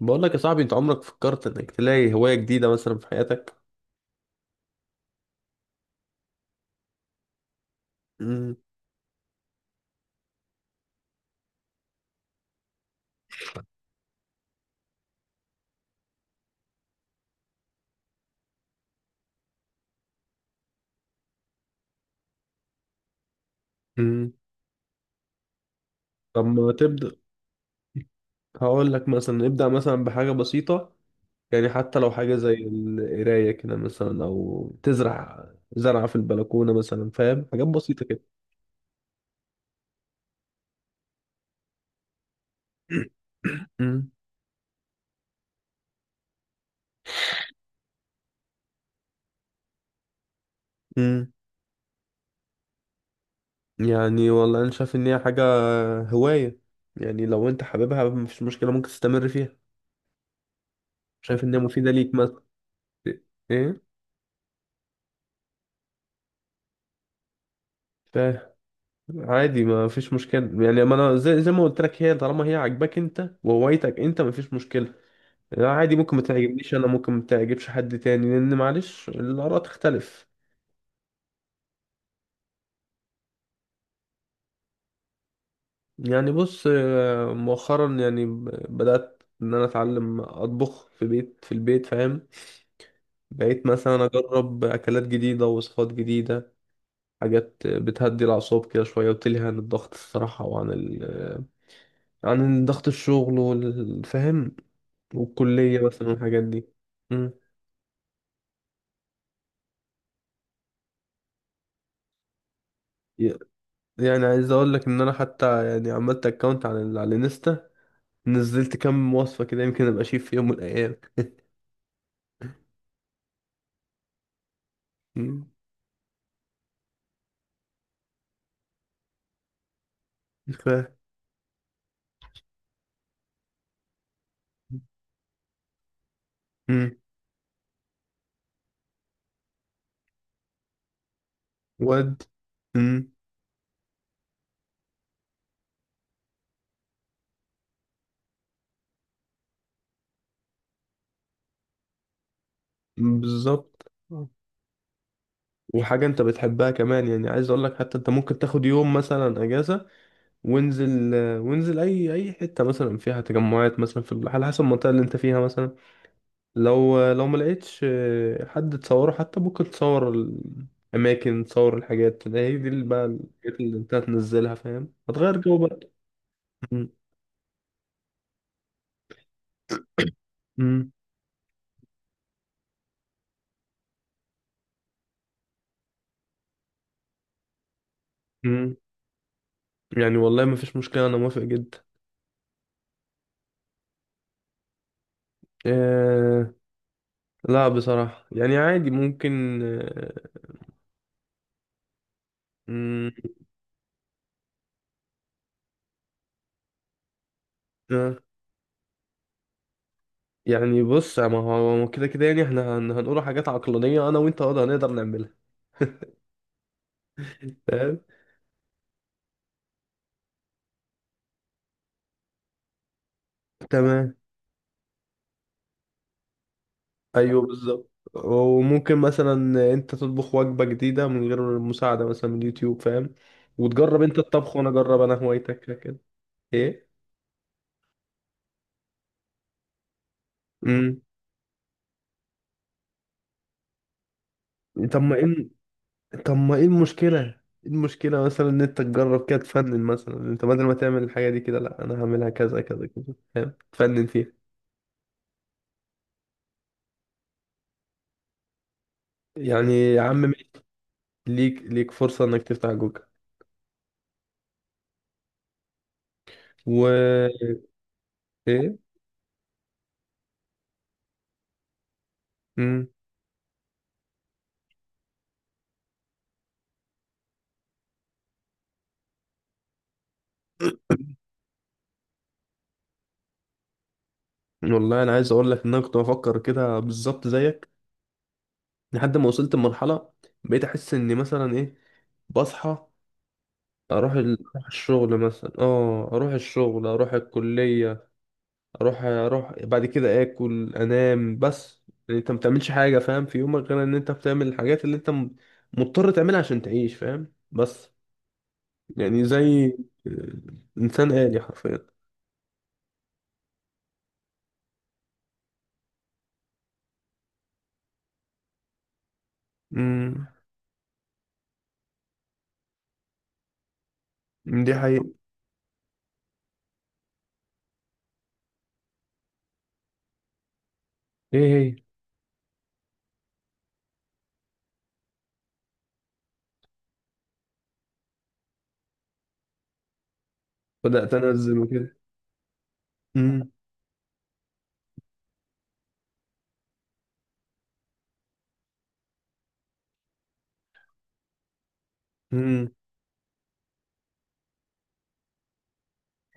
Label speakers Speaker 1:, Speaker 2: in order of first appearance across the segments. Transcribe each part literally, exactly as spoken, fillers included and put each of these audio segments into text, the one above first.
Speaker 1: بقول لك يا صاحبي، انت عمرك فكرت انك تلاقي هواية جديدة مثلا في حياتك؟ مم. مم. طب ما تبدأ. هقول لك مثلا ابدأ مثلا بحاجة بسيطة، يعني حتى لو حاجة زي القراية كده مثلا او تزرع زرعة في البلكونة مثلا، فاهم؟ حاجات بسيطة كده. مم. مم. يعني والله انا شايف ان هي حاجة، هواية، يعني لو انت حاببها مفيش مشكلة، ممكن تستمر فيها. شايف ان هي مفيدة ليك مثلا؟ ايه، فاهم. عادي، ما فيش مشكلة، يعني ما انا زي, زي ما قلت لك، هي طالما هي عاجباك انت وهوايتك انت، ما فيش مشكلة. يعني عادي، ممكن ما تعجبنيش انا، ممكن ما تعجبش حد تاني، لان معلش الآراء تختلف. يعني بص، آه، مؤخرا يعني ب- بدأت ان انا اتعلم اطبخ في بيت في البيت، فاهم؟ بقيت مثلا اجرب اكلات جديدة، وصفات جديدة. حاجات بتهدي الأعصاب كده شوية وتلهي عن الضغط الصراحة، وعن ال... عن ضغط الشغل، والفهم، والكلية مثلا، والحاجات دي. مم. ي- يعني عايز اقول لك ان انا حتى يعني عملت اكونت على ال- على الانستا، نزلت كام وصفة كده، يمكن ابقى شيف في يوم من الايام. مم. ف مم. ود مم. بالظبط، آه. وحاجة انت بتحبها كمان. يعني عايز اقول لك، حتى انت ممكن تاخد يوم مثلا اجازة، وانزل وانزل اي اي حتة مثلا فيها تجمعات، مثلا في ال- على حسب المنطقة اللي انت فيها مثلا. لو لو ما لقيتش آه، حد تصوره، حتى ممكن تصور الأماكن، تصور الحاجات. ده هي دي اللي بقى الحاجات اللي أنت هتنزلها، فاهم؟ هتغير جو بقى. م- م- م. يعني والله ما فيش مشكلة، أنا موافق جدا. آه. لا بصراحة يعني عادي، ممكن، آه. م- آه. يعني بص، ما هو ما هو كده كده، يعني احنا هن- هنقول حاجات عقلانية أنا وأنت هنقدر نقدر نعملها. فاهم؟ تمام. ايوه بالظبط. وممكن مثلا انت تطبخ وجبة جديدة من غير مساعدة مثلا من اليوتيوب، فاهم؟ وتجرب انت الطبخ وانا اجرب انا هوايتك كده. ايه. امم. طب ما ايه طب ما ايه المشكلة ايه؟ المشكلة مثلا ان انت تجرب كده، تفنن مثلا، انت بدل ما تعمل الحاجة دي كده، لا انا هعملها كذا كذا كذا، فاهم؟ تفنن فيها. يعني يا عم ماشي، ليك ليك فرصة انك تفتح جوجل. و ايه. امم. والله انا عايز اقول لك ان انا كنت بفكر كده بالظبط زيك، لحد ما وصلت لمرحلة بقيت أحس إني مثلا إيه، بصحى، أروح ال... أروح الشغل مثلا، آه أروح الشغل أروح الكلية، أروح أروح بعد كده آكل أنام بس. يعني أنت ما بتعملش حاجة، فاهم، في يومك غير إن أنت بتعمل الحاجات اللي أنت م- مضطر تعملها عشان تعيش، فاهم؟ بس. يعني زي، آه، إنسان آلي حرفيا. امم. دي حقيقة. إيه هي؟ بدأت أنزل وكده. امم. امم.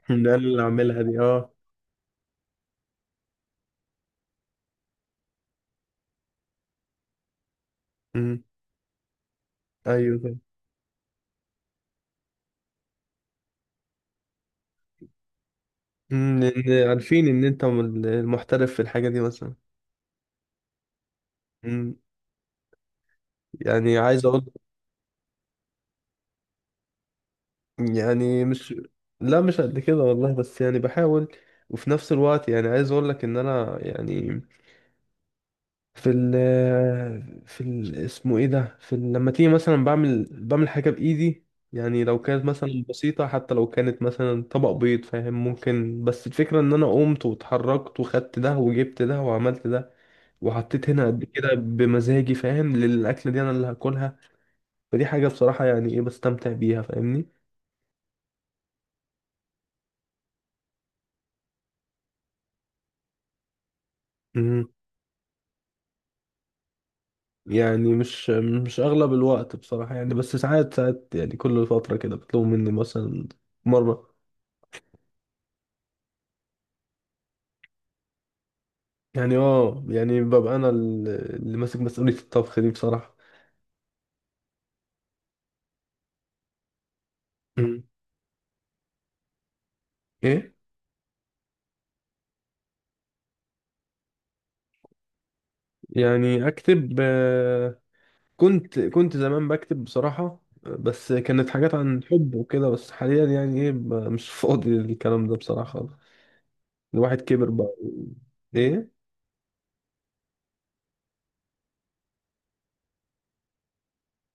Speaker 1: ده اللي أعملها دي، آه. امم. أيوه. مم، لأن عارفين إن أنت المحترف في الحاجة دي مثلا. مم. يعني عايز أقول. يعني مش. لا مش قد كده والله، بس يعني بحاول. وفي نفس الوقت يعني عايز أقول لك إن أنا يعني في ال في ال اسمه إيه ده في ال... لما تيجي مثلا بعمل بعمل حاجة بإيدي، يعني لو كانت مثلا بسيطة، حتى لو كانت مثلا طبق بيض، فاهم؟ ممكن. بس الفكرة إن أنا قمت واتحركت وخدت ده وجبت ده وعملت ده وحطيت هنا قد كده بمزاجي، فاهم؟ للأكلة دي أنا اللي هاكلها. فدي حاجة بصراحة يعني إيه بستمتع بيها، فاهمني؟ مم. يعني مش مش أغلب الوقت بصراحة، يعني بس ساعات ساعات، يعني كل فترة كده بيطلبوا مني مثلا مرة. يعني اه يعني ببقى أنا ال- اللي ماسك مسؤولية الطبخ دي بصراحة. مم. إيه. يعني أكتب، آه، كنت كنت زمان بكتب بصراحة، بس كانت حاجات عن حب وكده، بس حاليا يعني ايه ب- مش فاضي للكلام ده بصراحة خالص. الواحد كبر بقى و- ايه.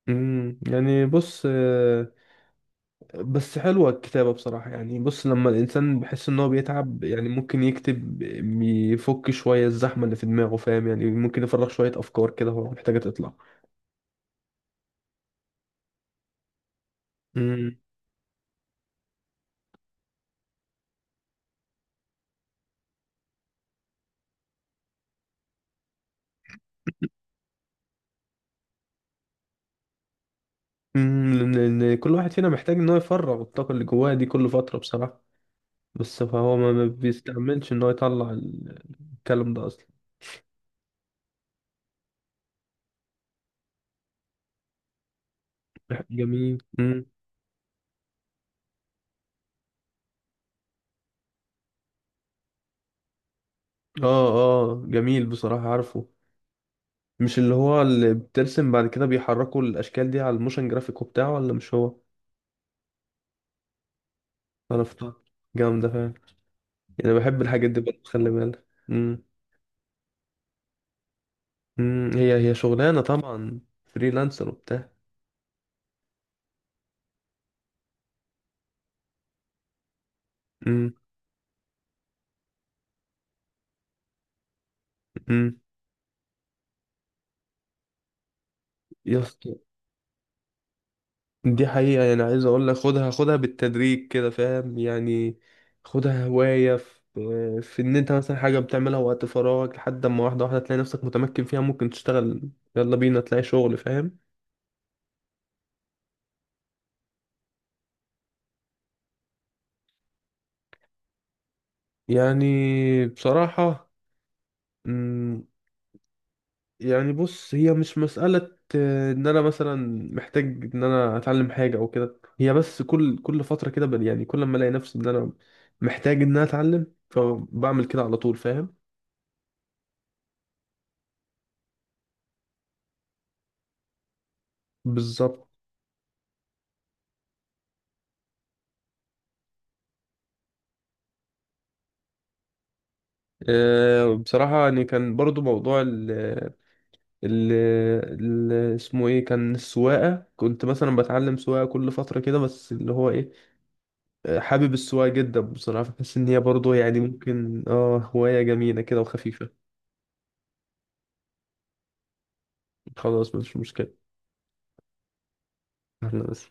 Speaker 1: امم. يعني بص، آه، بس حلوة الكتابة بصراحة. يعني بص، لما الإنسان بيحس إن هو بيتعب يعني ممكن يكتب، يفك شوية الزحمة اللي في دماغه، فاهم؟ يعني ممكن يفرغ شوية أفكار كده هو محتاجة تطلع. امم. أمم، لأن لأن كل واحد فينا محتاج إن هو يفرغ الطاقة اللي جواه دي كل فترة بصراحة. بس فهو ما ما بيستعملش إن هو يطلع الكلام ده أصلا. جميل. امم. اه، اه، جميل بصراحة، عارفه. مش اللي هو اللي بترسم بعد كده بيحركوا الاشكال دي على الموشن جرافيك وبتاعه، ولا مش هو؟ عرفتها. جامده فعلا. يعني بحب الحاجات دي برضه، خلي بالك. امم. أمم، هي هي شغلانه طبعا، فريلانسر وبتاع. امم. امم. يا اسطى. دي حقيقه، يعني عايز اقول لك، خدها خدها بالتدريج كده، فاهم؟ يعني خدها هوايه. في في ان انت مثلا حاجه بتعملها وقت فراغك، لحد اما واحده واحده تلاقي نفسك متمكن فيها، ممكن تشتغل. يلا بينا تلاقي شغل، فاهم؟ يعني بصراحه. مم، يعني بص، هي مش مسألة آه، ان انا مثلا محتاج ان انا اتعلم حاجة او كده. هي بس كل كل فترة كده بل- يعني كل ما الاقي نفسي ان انا محتاج ان انا اتعلم فبعمل كده على طول، فاهم؟ بالظبط. آه، بصراحة يعني كان برضو موضوع ال ال ال- اسمه ايه، كان السواقة. كنت مثلا بتعلم سواقة كل فترة كده، بس اللي هو ايه، آه، حابب السواقة جدا بصراحة. بحس ان هي برضو يعني ممكن اه هواية جميلة كده وخفيفة. خلاص مش مشكلة. احنا بس